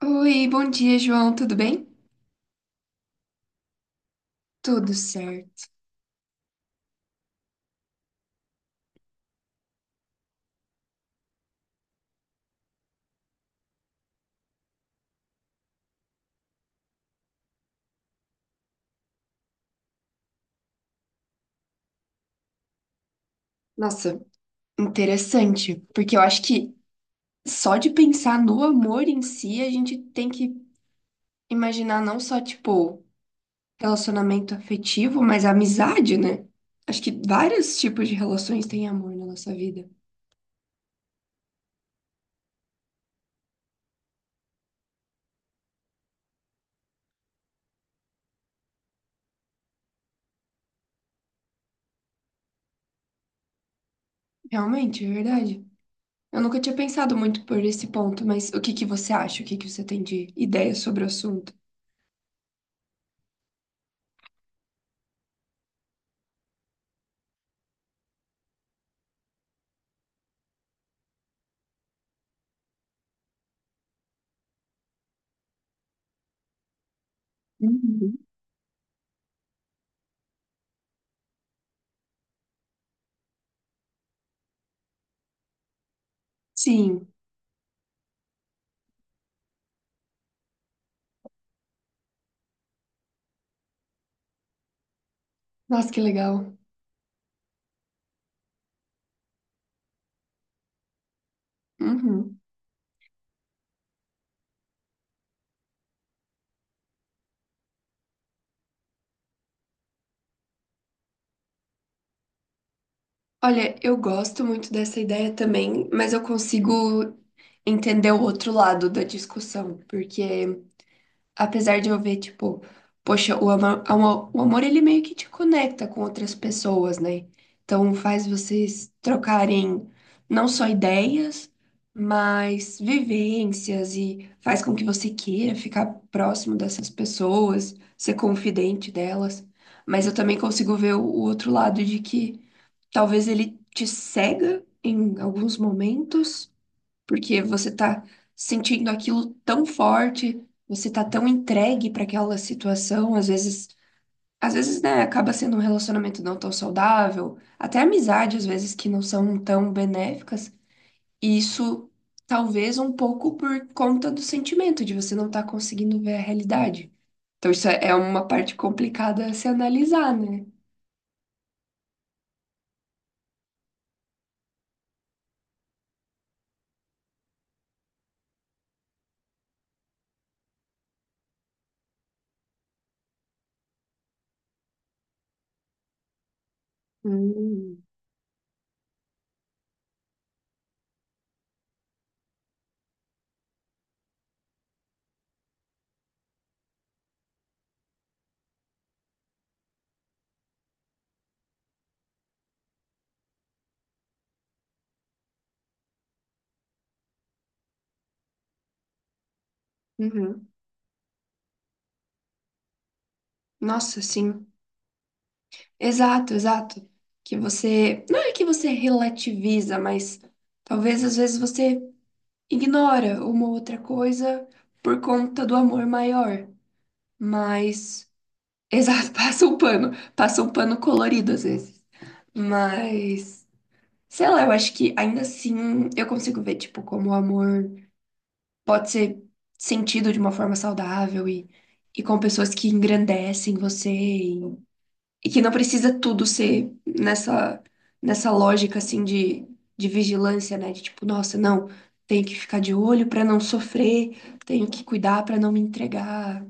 Oi, bom dia, João. Tudo bem? Tudo certo. Nossa, interessante, porque eu acho que só de pensar no amor em si, a gente tem que imaginar não só, tipo, relacionamento afetivo, mas amizade, né? Acho que vários tipos de relações têm amor na nossa vida. Realmente, é verdade. Eu nunca tinha pensado muito por esse ponto, mas o que que você acha? O que que você tem de ideia sobre o assunto? Uhum. Sim. Nossa, que legal. Uhum. Olha, eu gosto muito dessa ideia também, mas eu consigo entender o outro lado da discussão, porque apesar de eu ver, tipo, poxa, o amor ele meio que te conecta com outras pessoas, né? Então faz vocês trocarem não só ideias, mas vivências e faz com que você queira ficar próximo dessas pessoas, ser confidente delas. Mas eu também consigo ver o outro lado de que talvez ele te cega em alguns momentos porque você tá sentindo aquilo tão forte, você tá tão entregue para aquela situação, às vezes, né, acaba sendo um relacionamento não tão saudável, até amizade às vezes que não são tão benéficas, e isso talvez um pouco por conta do sentimento de você não estar conseguindo ver a realidade. Então isso é uma parte complicada a se analisar, né? Hum. Uhum. Nossa, sim. Exato, exato. Que você, não é que você relativiza, mas talvez às vezes você ignora uma outra coisa por conta do amor maior. Mas, exato, passa um pano colorido às vezes. Mas, sei lá, eu acho que ainda assim eu consigo ver, tipo, como o amor pode ser sentido de uma forma saudável e com pessoas que engrandecem você. E que não precisa tudo ser nessa, nessa lógica assim de vigilância, né? De tipo, nossa, não, tenho que ficar de olho pra não sofrer, tenho que cuidar pra não me entregar.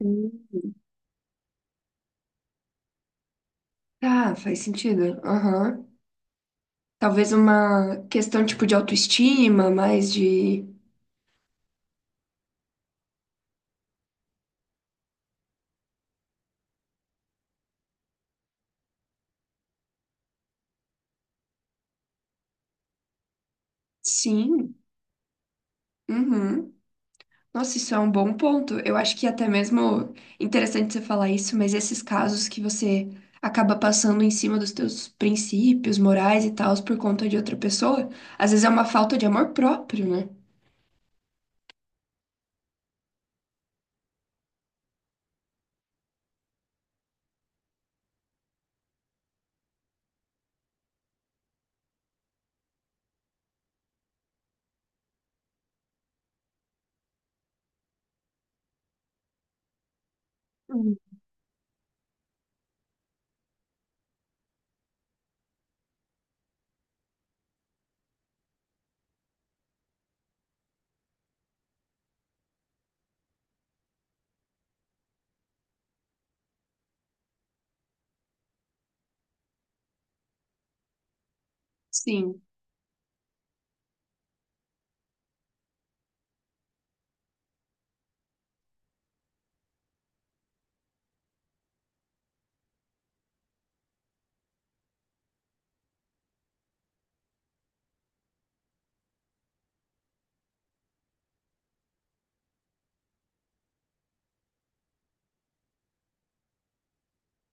Uhum. Tá, faz sentido. Aham. Talvez uma questão tipo de autoestima, mais de. Sim. Uhum. Nossa, isso é um bom ponto. Eu acho que é até mesmo interessante você falar isso, mas esses casos que você acaba passando em cima dos teus princípios morais e tals por conta de outra pessoa, às vezes é uma falta de amor próprio, né? Hum. Sim.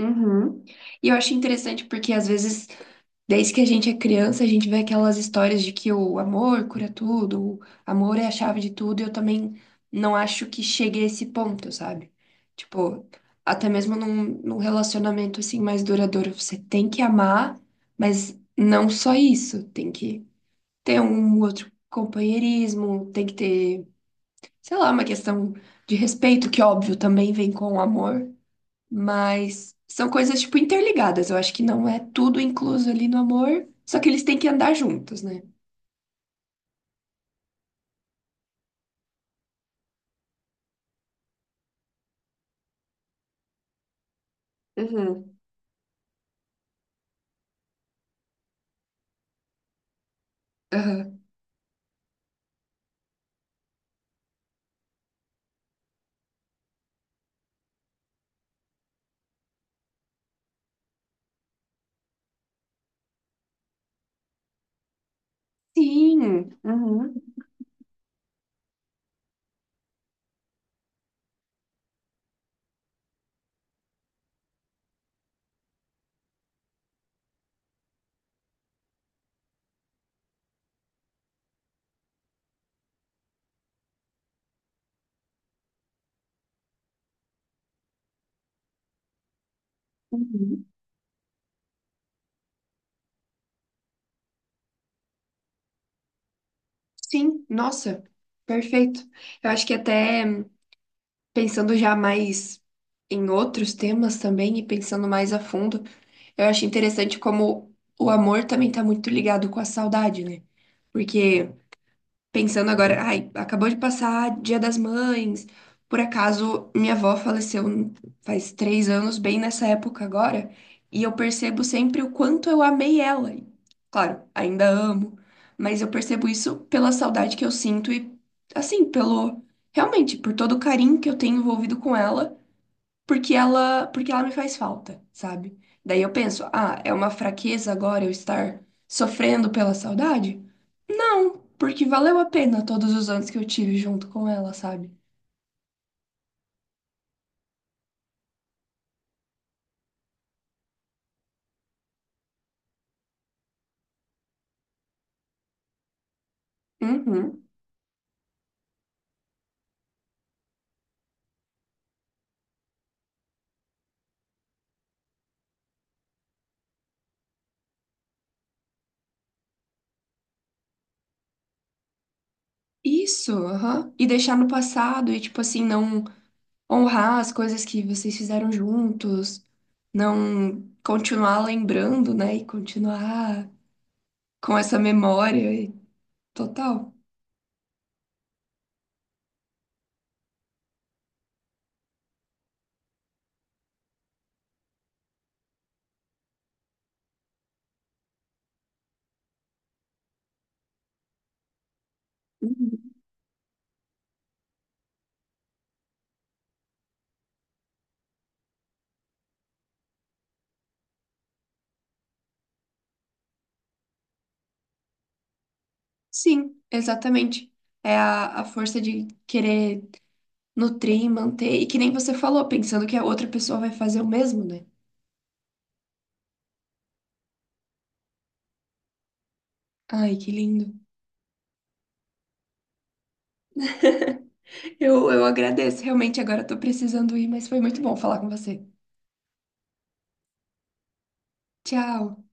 Uhum. E eu acho interessante porque às vezes desde que a gente é criança, a gente vê aquelas histórias de que o amor cura tudo, o amor é a chave de tudo, e eu também não acho que chegue a esse ponto, sabe? Tipo, até mesmo num relacionamento assim mais duradouro, você tem que amar, mas não só isso, tem que ter um outro companheirismo, tem que ter, sei lá, uma questão de respeito, que óbvio também vem com o amor. Mas são coisas, tipo, interligadas. Eu acho que não é tudo incluso ali no amor, só que eles têm que andar juntos, né? Uhum. Aham. Sim. Uhum. Uhum. Sim, nossa, perfeito. Eu acho que até pensando já mais em outros temas também e pensando mais a fundo, eu acho interessante como o amor também tá muito ligado com a saudade, né? Porque pensando agora, ai, acabou de passar Dia das Mães. Por acaso, minha avó faleceu faz 3 anos, bem nessa época agora, e eu percebo sempre o quanto eu amei ela. E claro, ainda amo, mas eu percebo isso pela saudade que eu sinto e, assim, pelo, realmente, por todo o carinho que eu tenho envolvido com ela, porque ela, porque ela me faz falta, sabe? Daí eu penso, ah, é uma fraqueza agora eu estar sofrendo pela saudade? Não, porque valeu a pena todos os anos que eu tive junto com ela, sabe? Uhum. Isso, aham. E deixar no passado e, tipo assim, não honrar as coisas que vocês fizeram juntos, não continuar lembrando, né? E continuar com essa memória e total. Sim, exatamente. É a força de querer nutrir, manter, e que nem você falou, pensando que a outra pessoa vai fazer o mesmo, né? Ai, que lindo. Eu agradeço, realmente agora eu tô precisando ir, mas foi muito bom falar com você. Tchau.